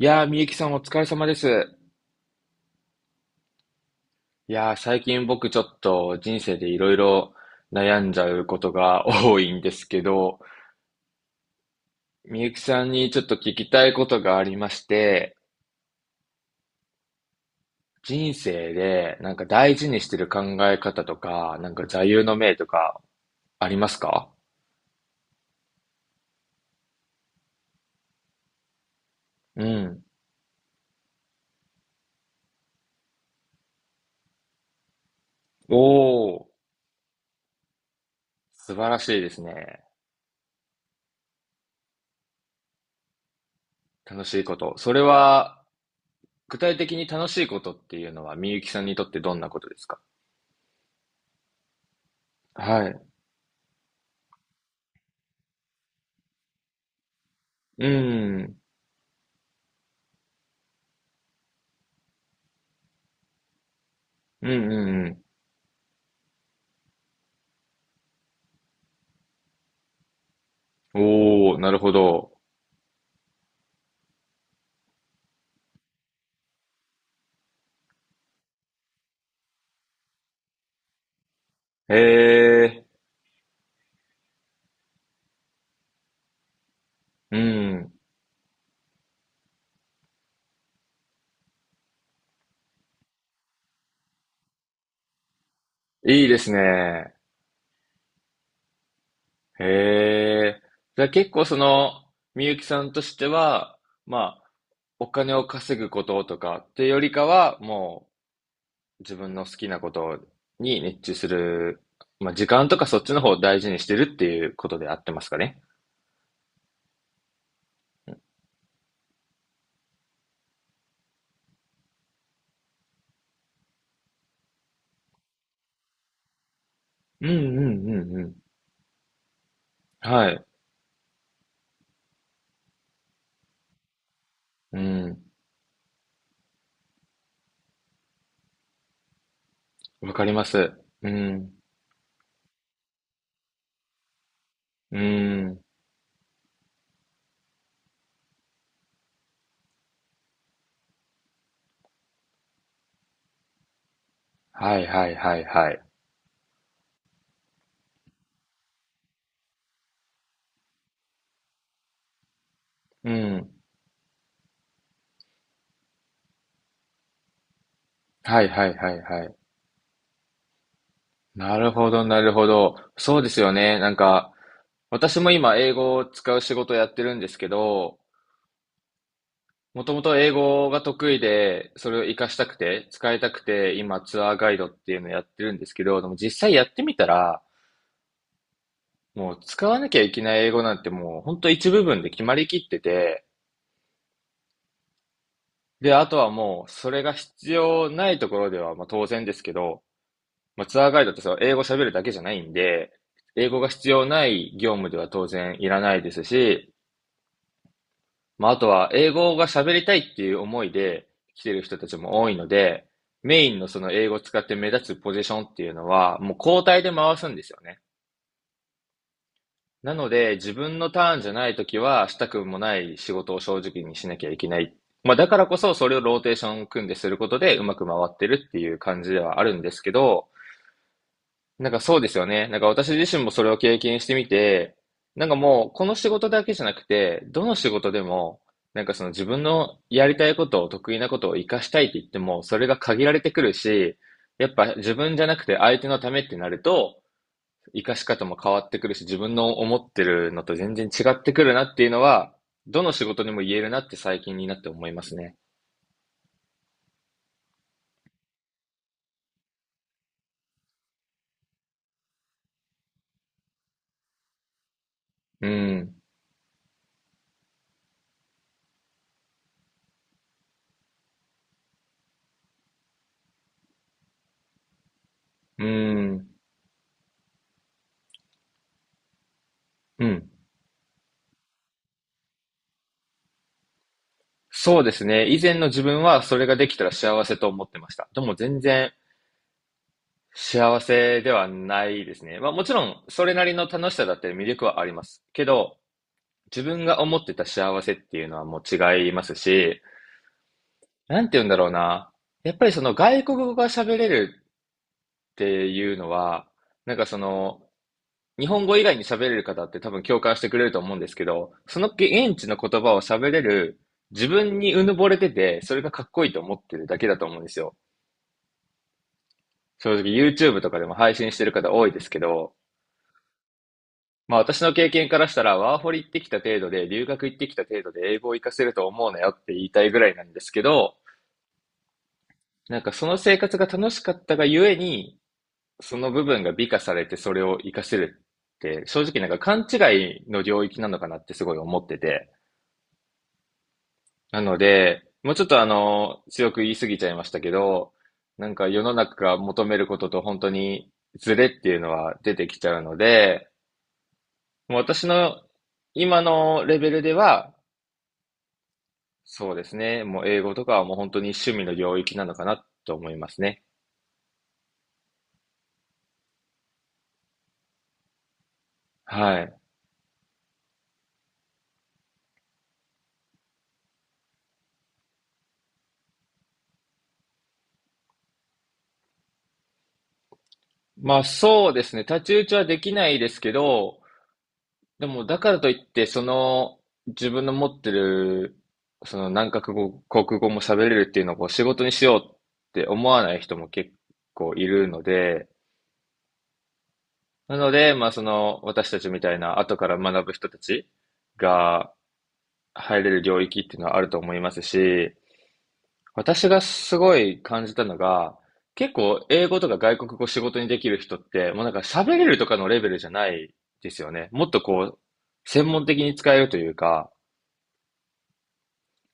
いやー、みゆきさんお疲れ様です。いやー、最近僕ちょっと人生でいろいろ悩んじゃうことが多いんですけど、みゆきさんにちょっと聞きたいことがありまして、人生でなんか大事にしてる考え方とか、なんか座右の銘とかありますか？うん。おー、素晴らしいですね。楽しいこと。それは、具体的に楽しいことっていうのはみゆきさんにとってどんなことですか？はい。うん。うんうん。おお、なるほど。へえ、うん。いいですね。へえ。じゃあ結構その、みゆきさんとしては、まあ、お金を稼ぐこととかってよりかは、もう自分の好きなことに熱中する、まあ時間とかそっちの方を大事にしてるっていうことであってますかね。うんうん。はい。うん。わかります。うん。うん。はいはいはいはい。うん。はいはいはいはい。なるほど、なるほど。そうですよね。なんか、私も今、英語を使う仕事をやってるんですけど、もともと英語が得意で、それを活かしたくて、使いたくて、今、ツアーガイドっていうのをやってるんですけど、でも実際やってみたら、もう使わなきゃいけない英語なんてもう、本当一部分で決まりきってて、で、あとはもう、それが必要ないところでは、まあ当然ですけど、まあツアーガイドってそう、英語喋るだけじゃないんで、英語が必要ない業務では当然いらないですし、まあ、あとは、英語が喋りたいっていう思いで来てる人たちも多いので、メインのその英語を使って目立つポジションっていうのは、もう交代で回すんですよね。なので、自分のターンじゃないときは、したくもない仕事を正直にしなきゃいけない。まあ、だからこそ、それをローテーション組んですることで、うまく回ってるっていう感じではあるんですけど、なんかそうですよね。なんか私自身もそれを経験してみて、なんかもうこの仕事だけじゃなくて、どの仕事でも、なんかその自分のやりたいことを得意なことを活かしたいって言っても、それが限られてくるし、やっぱ自分じゃなくて相手のためってなると、活かし方も変わってくるし、自分の思ってるのと全然違ってくるなっていうのは、どの仕事にも言えるなって最近になって思いますね。うん、うん、うん。そうですね。以前の自分はそれができたら幸せと思ってました。でも全然幸せではないですね。まあもちろんそれなりの楽しさだって魅力はあります。けど、自分が思ってた幸せっていうのはもう違いますし、なんて言うんだろうな。やっぱりその外国語が喋れるっていうのは、なんかその、日本語以外に喋れる方って多分共感してくれると思うんですけど、その現地の言葉を喋れる自分にうぬぼれてて、それがかっこいいと思ってるだけだと思うんですよ。正直 YouTube とかでも配信してる方多いですけど、まあ私の経験からしたら、ワーホリ行ってきた程度で、留学行ってきた程度で英語を活かせると思うなよって言いたいぐらいなんですけど、なんかその生活が楽しかったがゆえに、その部分が美化されてそれを活かせるって、正直なんか勘違いの領域なのかなってすごい思ってて。なので、もうちょっと強く言い過ぎちゃいましたけど、なんか世の中が求めることと本当にズレっていうのは出てきちゃうので、もう私の今のレベルでは、そうですね。もう英語とかはもう本当に趣味の領域なのかなと思いますね。はい。まあそうですね。太刀打ちはできないですけど、でもだからといって、その自分の持ってる、その何カ国語、国語も喋れるっていうのをこう仕事にしようって思わない人も結構いるので、なので、まあその私たちみたいな後から学ぶ人たちが入れる領域っていうのはあると思いますし、私がすごい感じたのが、結構英語とか外国語仕事にできる人って、もうなんか喋れるとかのレベルじゃないですよね。もっとこう、専門的に使えるというか、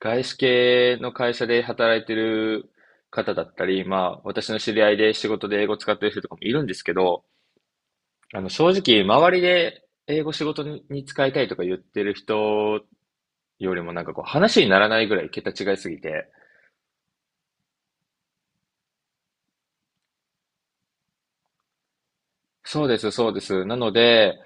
外資系の会社で働いてる方だったり、まあ私の知り合いで仕事で英語使ってる人とかもいるんですけど、あの正直周りで英語仕事に使いたいとか言ってる人よりもなんかこう話にならないぐらい桁違いすぎて、そうです、そうです。なので、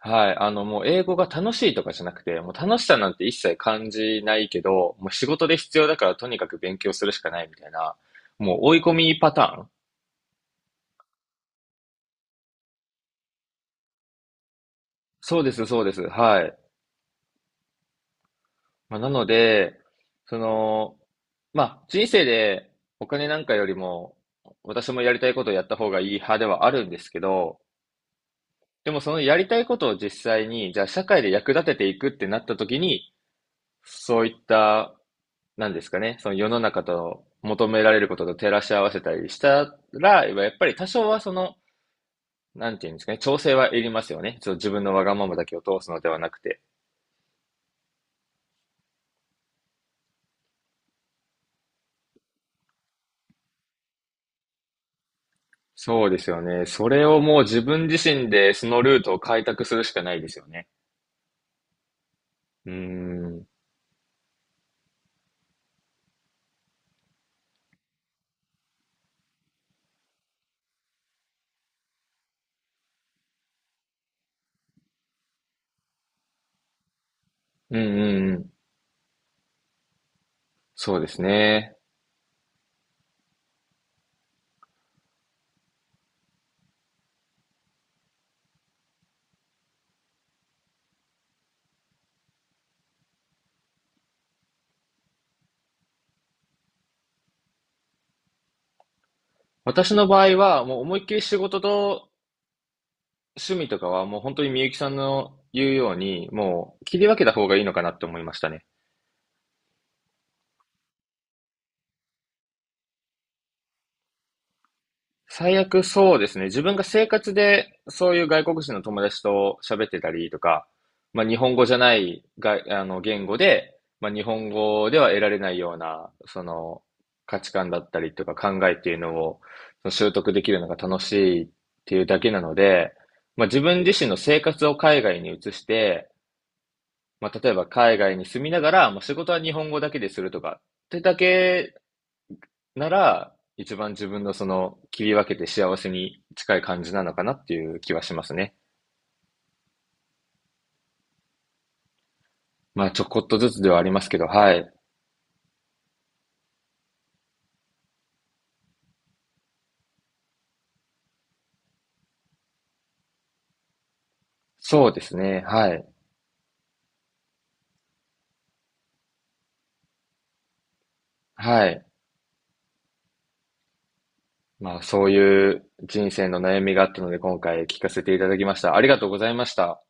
はい。もう英語が楽しいとかじゃなくて、もう楽しさなんて一切感じないけど、もう仕事で必要だからとにかく勉強するしかないみたいな、もう追い込みパターン。そうです、そうです。はい。まあ、なので、その、まあ、人生でお金なんかよりも、私もやりたいことをやった方がいい派ではあるんですけど、でもそのやりたいことを実際に、じゃあ社会で役立てていくってなった時に、そういったなんですかね、その世の中と求められることと照らし合わせたりしたら、やっぱり多少はその、なんていうんですかね、調整はいりますよね。ちょっと自分のわがままだけを通すのではなくて。そうですよね。それをもう自分自身でそのルートを開拓するしかないですよね。うーん。うんうん。そうですね。私の場合は、もう思いっきり仕事と趣味とかはもう本当にみゆきさんの言うように、もう切り分けた方がいいのかなって思いましたね。最悪そうですね。自分が生活でそういう外国人の友達と喋ってたりとか、まあ、日本語じゃないが、あの言語で、まあ、日本語では得られないような、その価値観だったりとか考えっていうのをその習得できるのが楽しいっていうだけなので、まあ、自分自身の生活を海外に移して、まあ、例えば海外に住みながら、まあ、仕事は日本語だけでするとかってだけなら、一番自分のその切り分けて幸せに近い感じなのかなっていう気はしますね。まあちょこっとずつではありますけど、はい。そうですね。はい。はい。まあそういう人生の悩みがあったので今回聞かせていただきました。ありがとうございました。